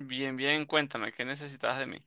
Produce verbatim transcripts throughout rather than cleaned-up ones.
Bien, bien, cuéntame, ¿qué necesitas de mí?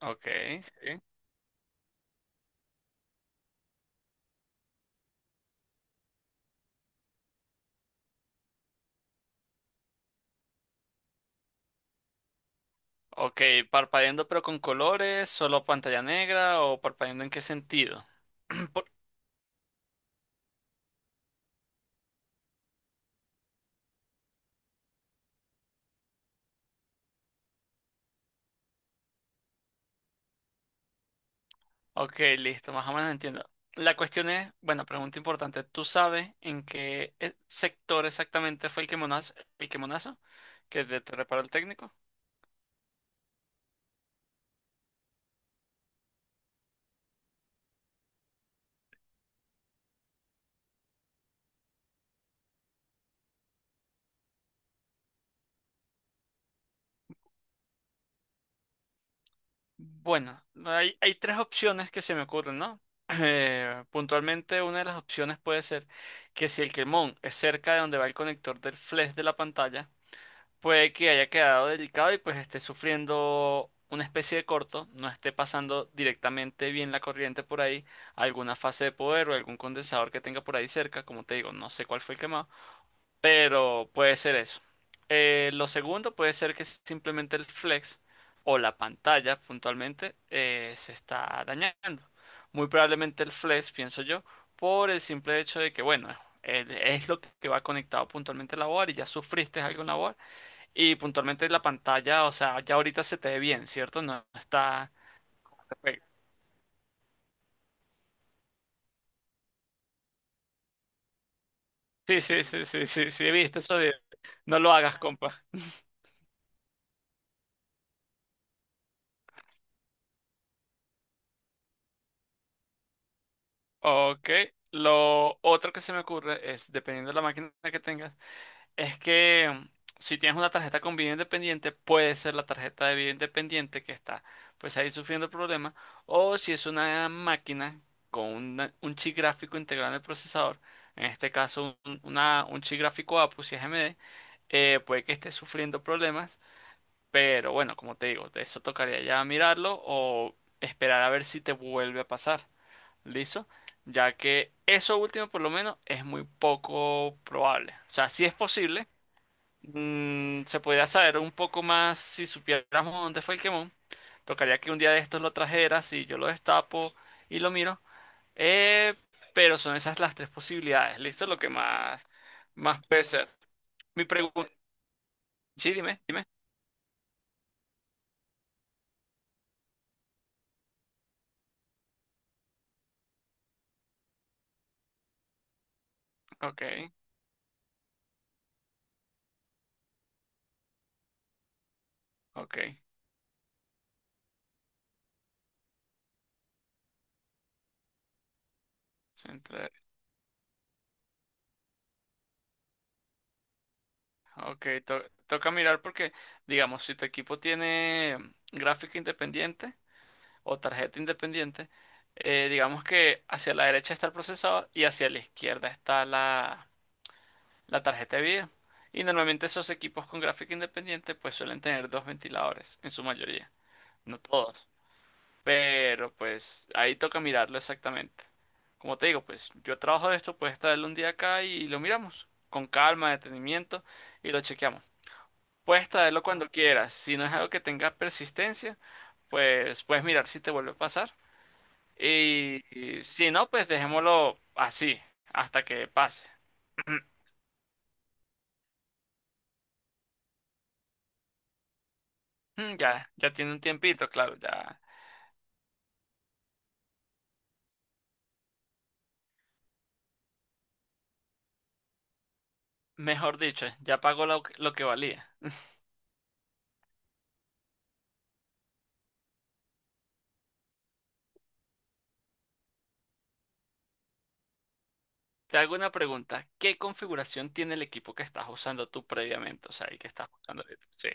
Ok, sí. Ok, ¿parpadeando pero con colores, solo pantalla negra o parpadeando en qué sentido? Por- Ok, listo, más o menos entiendo. La cuestión es, bueno, pregunta importante, ¿tú sabes en qué eh, sector exactamente fue el quemonazo, el quemonazo que te, te reparó el técnico? Bueno, hay, hay tres opciones que se me ocurren, ¿no? Eh, puntualmente una de las opciones puede ser que si el quemón es cerca de donde va el conector del flash de la pantalla, puede que haya quedado delicado y pues esté sufriendo una especie de corto, no esté pasando directamente bien la corriente por ahí, alguna fase de poder o algún condensador que tenga por ahí cerca, como te digo, no sé cuál fue el quemado, pero puede ser eso. Eh, lo segundo puede ser que simplemente el flex o la pantalla puntualmente eh, se está dañando. Muy probablemente el flex, pienso yo, por el simple hecho de que, bueno, el- es lo que va conectado puntualmente a la board y ya sufriste algo en la board y puntualmente la pantalla, o sea, ya ahorita se te ve bien, ¿cierto? No está... Sí, sí, sí, sí, sí, sí, viste eso de... No lo hagas, compa. Ok. Lo otro que se me ocurre es, dependiendo de la máquina que tengas, es que si tienes una tarjeta con vida independiente, puede ser la tarjeta de vida independiente que está pues ahí sufriendo problemas, o si es una máquina con una- un chip gráfico integrado en el procesador, en este caso un, una- un chip gráfico A P U si es A M D, eh, puede que esté sufriendo problemas, pero bueno, como te digo, de eso tocaría ya mirarlo o esperar a ver si te vuelve a pasar, ¿listo? Ya que eso último por lo menos es muy poco probable. O sea, sí es posible. Mm, se podría saber un poco más si supiéramos dónde fue el quemón. Tocaría que un día de estos lo trajeras y yo lo destapo y lo miro. Eh, pero son esas las tres posibilidades. Listo, lo que más, más puede ser. Mi pregunta. Sí, dime, dime. Ok, ok. Centra- Ok, to- toca mirar porque, digamos, si tu equipo tiene gráfica independiente o tarjeta independiente, eh, digamos que hacia la derecha está el procesador y hacia la izquierda está la la tarjeta de video. Y normalmente esos equipos con gráfica independiente pues suelen tener dos ventiladores, en su mayoría, no todos. Pero pues ahí toca mirarlo exactamente. Como te digo, pues yo trabajo de esto, puedes traerlo un día acá y lo miramos con calma, detenimiento y lo chequeamos. Puedes traerlo cuando quieras, si no es algo que tenga persistencia, pues puedes mirar si te vuelve a pasar. Y, y si no, pues dejémoslo así, hasta que pase. Ya, ya tiene un tiempito, claro, ya. Mejor dicho, ya pagó lo, que lo que valía. Te hago una pregunta. ¿Qué configuración tiene el equipo que estás usando tú previamente? O sea, el que estás usando ahorita. Sí.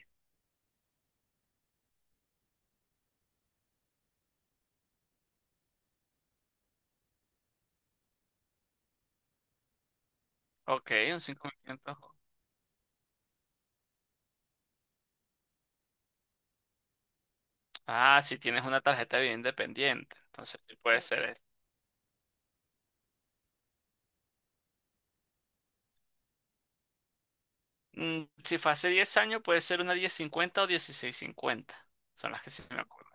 Ok, un cinco mil quinientos. Ah, si tienes una tarjeta de vida independiente. Entonces, sí puede ser eso. Mm, si fue hace diez años, puede ser una diez cincuenta o dieciséis cincuenta. Son las que sí me acuerdo.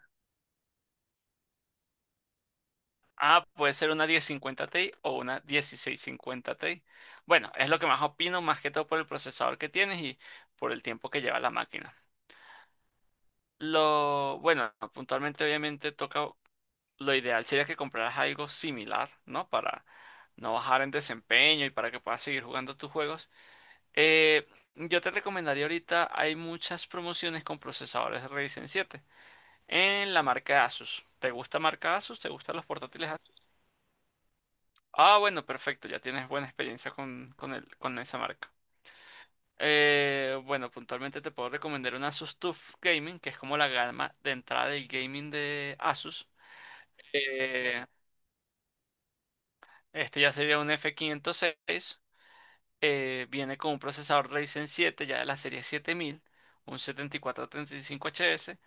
Ah, puede ser una diez cincuenta Ti o una dieciséis cincuenta Ti. Bueno, es lo que más opino, más que todo por el procesador que tienes y por el tiempo que lleva la máquina. Lo, bueno, puntualmente obviamente toca, lo ideal sería que compraras algo similar, ¿no? Para no bajar en desempeño y para que puedas seguir jugando tus juegos. Eh, yo te recomendaría ahorita, hay muchas promociones con procesadores Ryzen siete en la marca Asus. ¿Te gusta marca Asus? ¿Te gustan los portátiles Asus? Ah, bueno, perfecto, ya tienes buena experiencia con, con el, con esa marca. Eh, bueno, puntualmente te puedo recomendar una Asus T U F Gaming, que es como la gama de entrada del gaming de Asus. Eh, este ya sería un F quinientos seis. Eh, viene con un procesador Ryzen siete ya de la serie siete mil, un siete mil cuatrocientos treinta y cinco H S.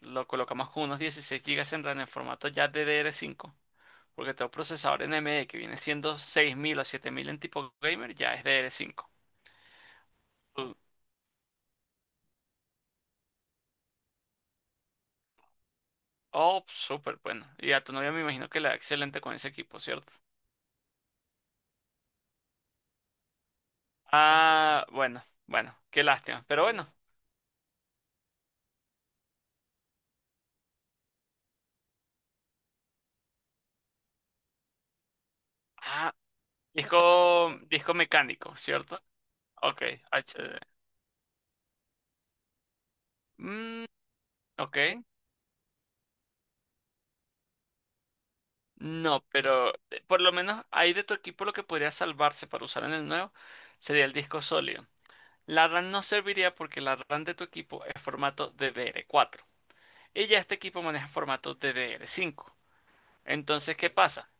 Lo colocamos con unos dieciséis gigas en RAM en formato ya ddr cinco. Porque todo procesador N M D que viene siendo seis mil o siete mil en tipo gamer ya es ddr cinco. Uh, Oh, súper bueno. Y a tu novia me imagino que le va excelente con ese equipo, ¿cierto? Ah, bueno, bueno, qué lástima. Pero bueno, ah, disco, disco mecánico, ¿cierto? Ok, H D. Mm, ok. No, pero eh, por lo menos ahí de tu equipo lo que podría salvarse para usar en el nuevo sería el disco sólido. La RAM no serviría porque la RAM de tu equipo es formato ddr cuatro. Y ya este equipo maneja formato ddr cinco. Entonces, ¿qué pasa?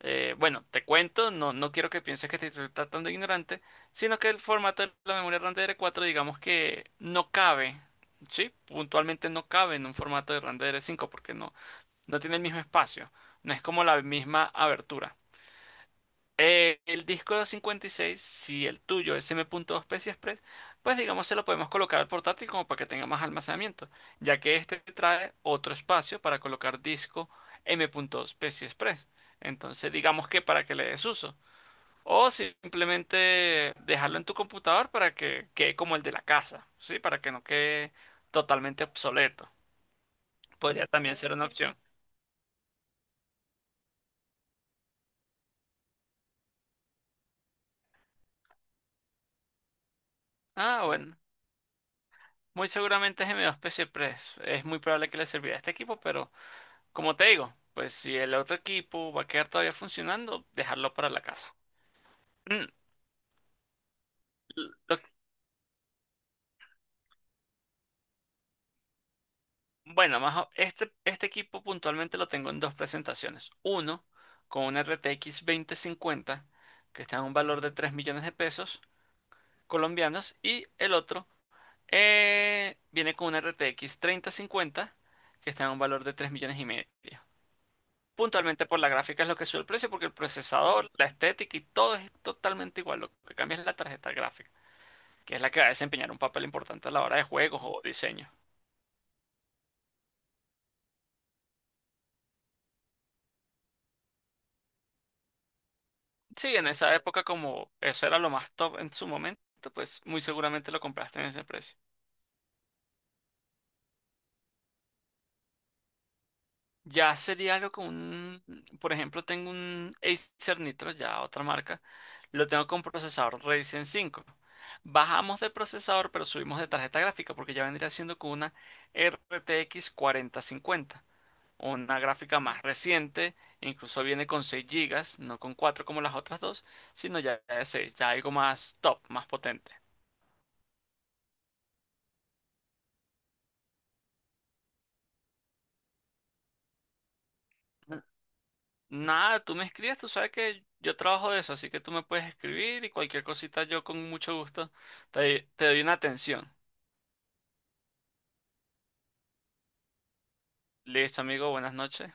Eh, bueno, te cuento, no, no quiero que pienses que te estoy tratando de ignorante, sino que el formato de la memoria RAM ddr cuatro digamos que no cabe, ¿sí? Puntualmente no cabe en un formato de RAM ddr cinco porque no no tiene el mismo espacio. No es como la misma abertura. Eh, el disco cincuenta y seis, si el tuyo es M.dos P C I Express, pues digamos se lo podemos colocar al portátil como para que tenga más almacenamiento, ya que este trae otro espacio para colocar disco m punto M.dos P C I Express. Entonces digamos que para que le des uso. O simplemente dejarlo en tu computador para que quede como el de la casa, ¿sí? Para que no quede totalmente obsoleto. Podría también ser una opción. Ah, bueno. Muy seguramente es M dos Press. Es muy probable que le servirá a este equipo, pero como te digo, pues si el otro equipo va a quedar todavía funcionando, dejarlo para la casa. Mm, lo- bueno, más o- este, este equipo puntualmente lo tengo en dos presentaciones. Uno, con una R T X veinte cincuenta, que está en un valor de tres millones de pesos colombianos, y el otro eh, viene con una R T X treinta cincuenta, que está en un valor de tres millones y medio. Puntualmente por la gráfica es lo que sube el precio, porque el procesador, la estética y todo es totalmente igual. Lo que cambia es la tarjeta gráfica, que es la que va a desempeñar un papel importante a la hora de juegos o diseño. Sí, en esa época como eso era lo más top en su momento, pues muy seguramente lo compraste en ese precio. Ya sería algo con un, por ejemplo, tengo un Acer Nitro, ya otra marca, lo tengo con procesador Ryzen cinco. Bajamos de procesador, pero subimos de tarjeta gráfica, porque ya vendría siendo con una R T X cuarenta cincuenta. Una gráfica más reciente, incluso viene con seis gigas, no con cuatro como las otras dos, sino ya de seis, ya algo más top, más potente. Nada, tú me escribes, tú sabes que yo trabajo de eso, así que tú me puedes escribir y cualquier cosita yo con mucho gusto te, te doy una atención. Listo, amigo, buenas noches.